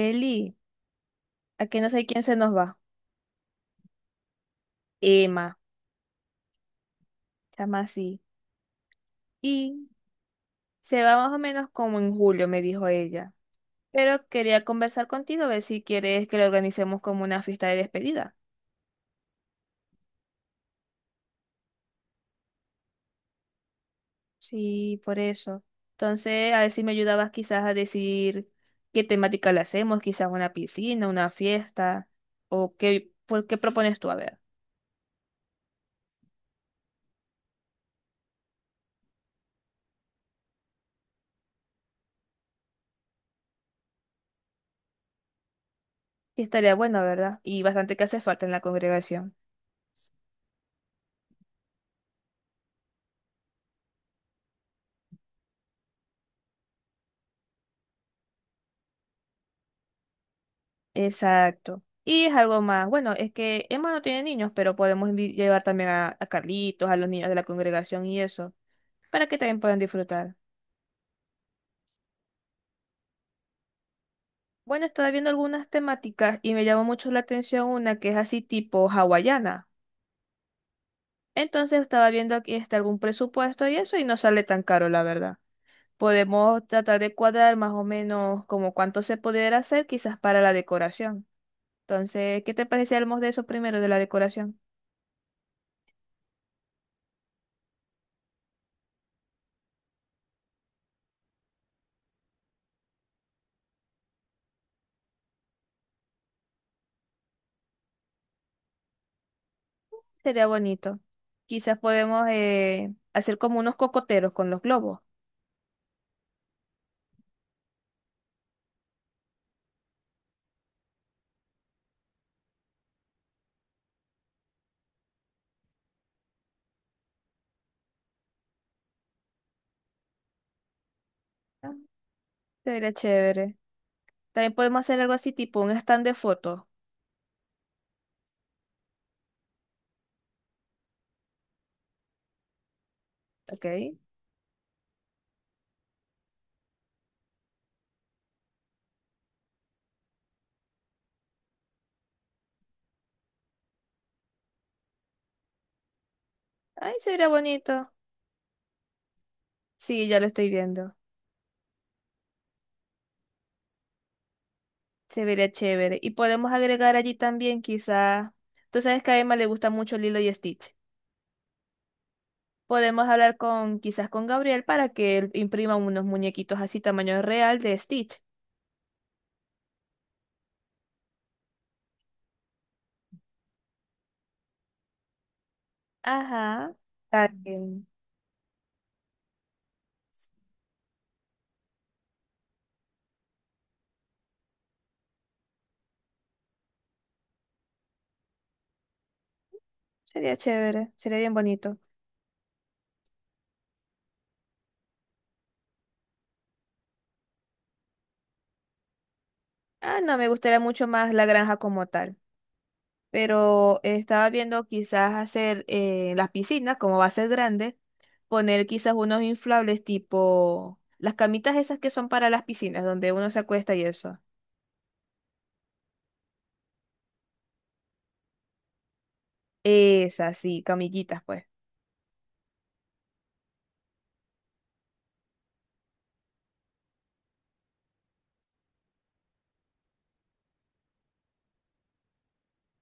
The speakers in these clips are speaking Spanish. Eli, a que no sé quién se nos va. Emma, llama así. Y se va más o menos como en julio, me dijo ella. Pero quería conversar contigo a ver si quieres que le organicemos como una fiesta de despedida. Sí, por eso. Entonces, a ver si me ayudabas quizás a decir qué temática le hacemos, quizás una piscina, una fiesta, o qué, por qué propones tú, a ver. Y estaría bueno, ¿verdad? Y bastante que hace falta en la congregación. Exacto. Y es algo más. Bueno, es que Emma no tiene niños, pero podemos llevar también a Carlitos, a los niños de la congregación y eso, para que también puedan disfrutar. Bueno, estaba viendo algunas temáticas y me llamó mucho la atención una que es así tipo hawaiana. Entonces estaba viendo aquí está algún presupuesto y eso y no sale tan caro, la verdad. Podemos tratar de cuadrar más o menos como cuánto se pudiera hacer quizás para la decoración. Entonces, ¿qué te parece si hablamos de eso primero, de la decoración? Sería bonito. Quizás podemos hacer como unos cocoteros con los globos. Ah. Sería chévere. También podemos hacer algo así, tipo un stand de fotos. ¿Ok? Ay, se vería bonito. Sí, ya lo estoy viendo. Se vería chévere. Y podemos agregar allí también, quizás. Tú sabes que a Emma le gusta mucho Lilo y Stitch. Podemos hablar con, quizás con Gabriel para que él imprima unos muñequitos así tamaño real de Stitch. Ajá. Ay, sería chévere. Sería bien bonito. Ah, no, me gustaría mucho más la granja como tal. Pero estaba viendo quizás hacer las piscinas, como va a ser grande, poner quizás unos inflables tipo las camitas esas que son para las piscinas, donde uno se acuesta y eso. Esas, sí, camillitas, pues.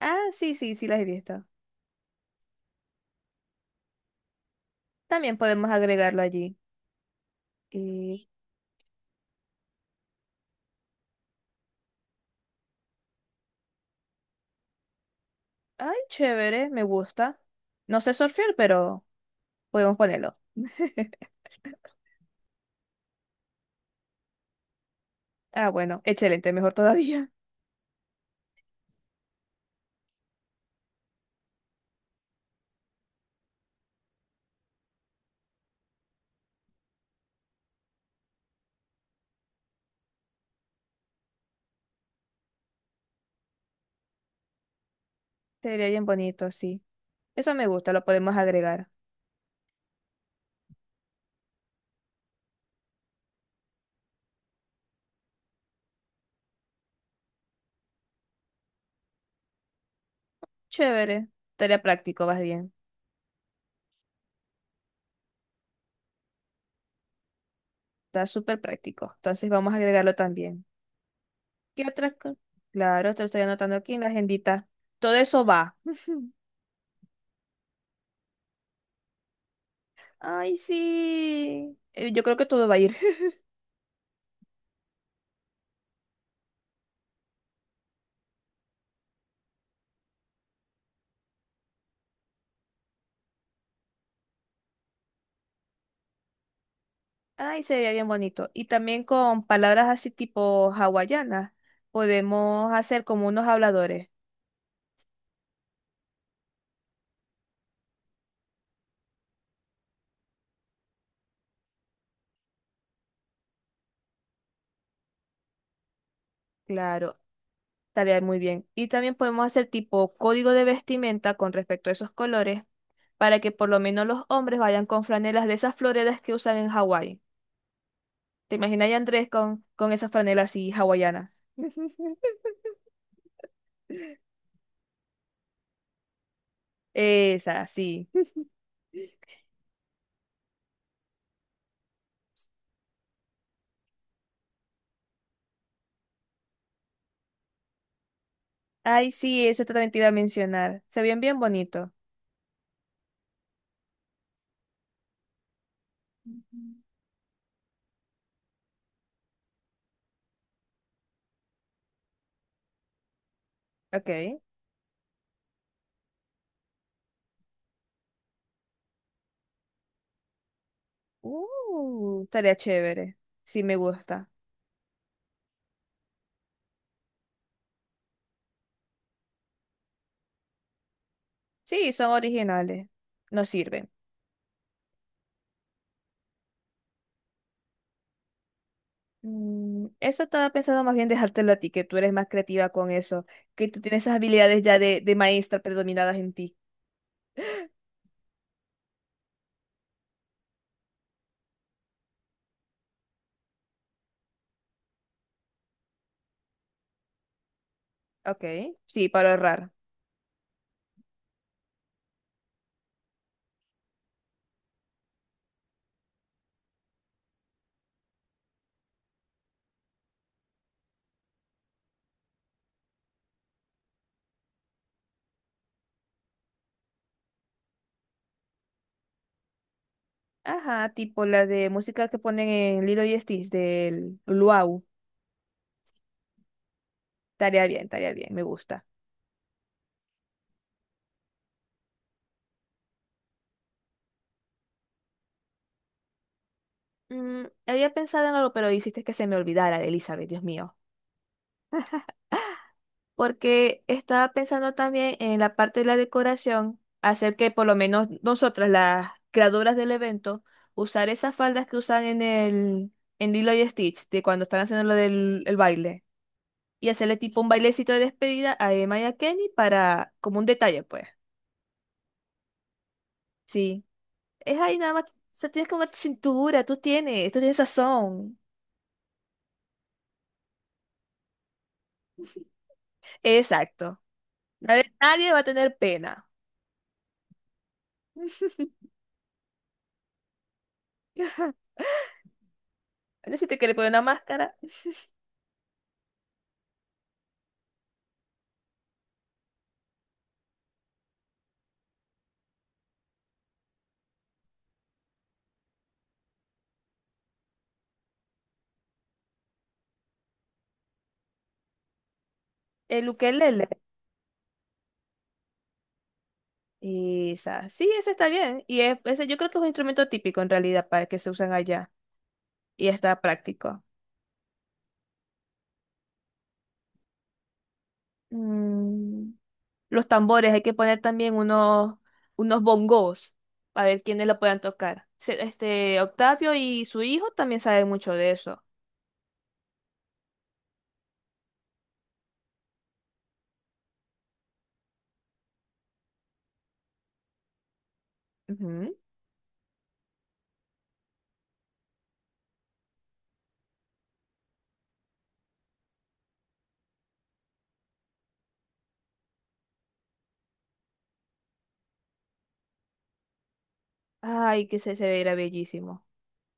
Ah, sí, sí, sí, las he visto. También podemos agregarlo allí. Y, ay, chévere, me gusta. No sé surfear, pero podemos ponerlo. Ah, bueno, excelente, mejor todavía. Sería bien bonito, sí. Eso me gusta, lo podemos agregar. Chévere. Tarea práctico, vas bien. Está súper práctico. Entonces vamos a agregarlo también. ¿Qué otras cosas? Claro, te lo estoy anotando aquí en la agendita. Todo eso va. Ay, sí. Yo creo que todo va a ir. Ay, sería bien bonito. Y también con palabras así tipo hawaianas, podemos hacer como unos habladores. Claro, tarea muy bien. Y también podemos hacer tipo código de vestimenta con respecto a esos colores para que por lo menos los hombres vayan con franelas de esas floreras que usan en Hawái. ¿Te imaginas a Andrés con esas franelas así hawaianas? Esa, sí. Ay, sí, eso también te iba a mencionar. Se ven bien bonito. Ujú. Ok. Estaría chévere. Sí, me gusta. Sí, son originales. No sirven. Mm, eso estaba pensando más bien dejártelo a ti, que tú eres más creativa con eso, que tú tienes esas habilidades ya de maestra predominadas en ti. Ok, sí, para ahorrar. Ajá, tipo la de música que ponen en Lilo y Stitch del Luau. Tarea bien, me gusta. Mm, había pensado en algo, pero hiciste que se me olvidara, Elizabeth, Dios mío. Porque estaba pensando también en la parte de la decoración, hacer que por lo menos nosotras, las creadoras del evento, usar esas faldas que usan en el en Lilo y Stitch, de cuando están haciendo lo del el baile, y hacerle tipo un bailecito de despedida a Emma y a Kenny para, como un detalle, pues. Sí. Es ahí nada más. O sea, tienes como cintura, tú tienes sazón. Exacto. Nadie, nadie va a tener pena. No sé si te quiere poner una máscara. El ukelele. Esa. Sí, ese está bien. Y es, ese yo creo que es un instrumento típico en realidad para que se usan allá. Y está práctico. Mm, los tambores, hay que poner también unos, unos bongos para ver quiénes lo puedan tocar. Este, Octavio y su hijo también saben mucho de eso. Ay, que se verá bellísimo.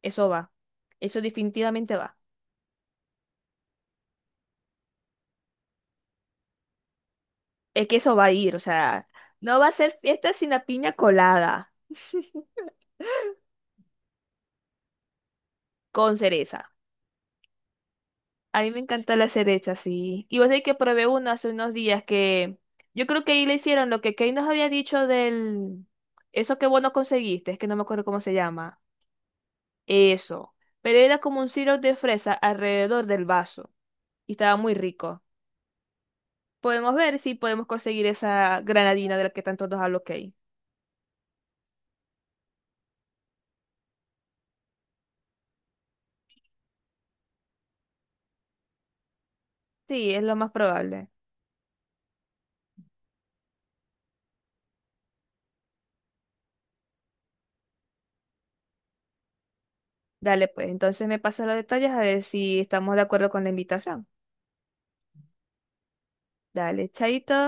Eso va. Eso definitivamente va. Es que eso va a ir, o sea, no va a ser fiesta sin la piña colada, con cereza. A mí me encanta la cereza, sí. Y vos sabés que probé uno hace unos días que yo creo que ahí le hicieron lo que Kay nos había dicho del... Eso que vos no conseguiste, es que no me acuerdo cómo se llama. Eso. Pero era como un sirope de fresa alrededor del vaso. Y estaba muy rico. Podemos ver si podemos conseguir esa granadina de la que tanto nos habló Kay. Sí, es lo más probable. Dale, pues, entonces me pasa los detalles a ver si estamos de acuerdo con la invitación. Dale, chaito.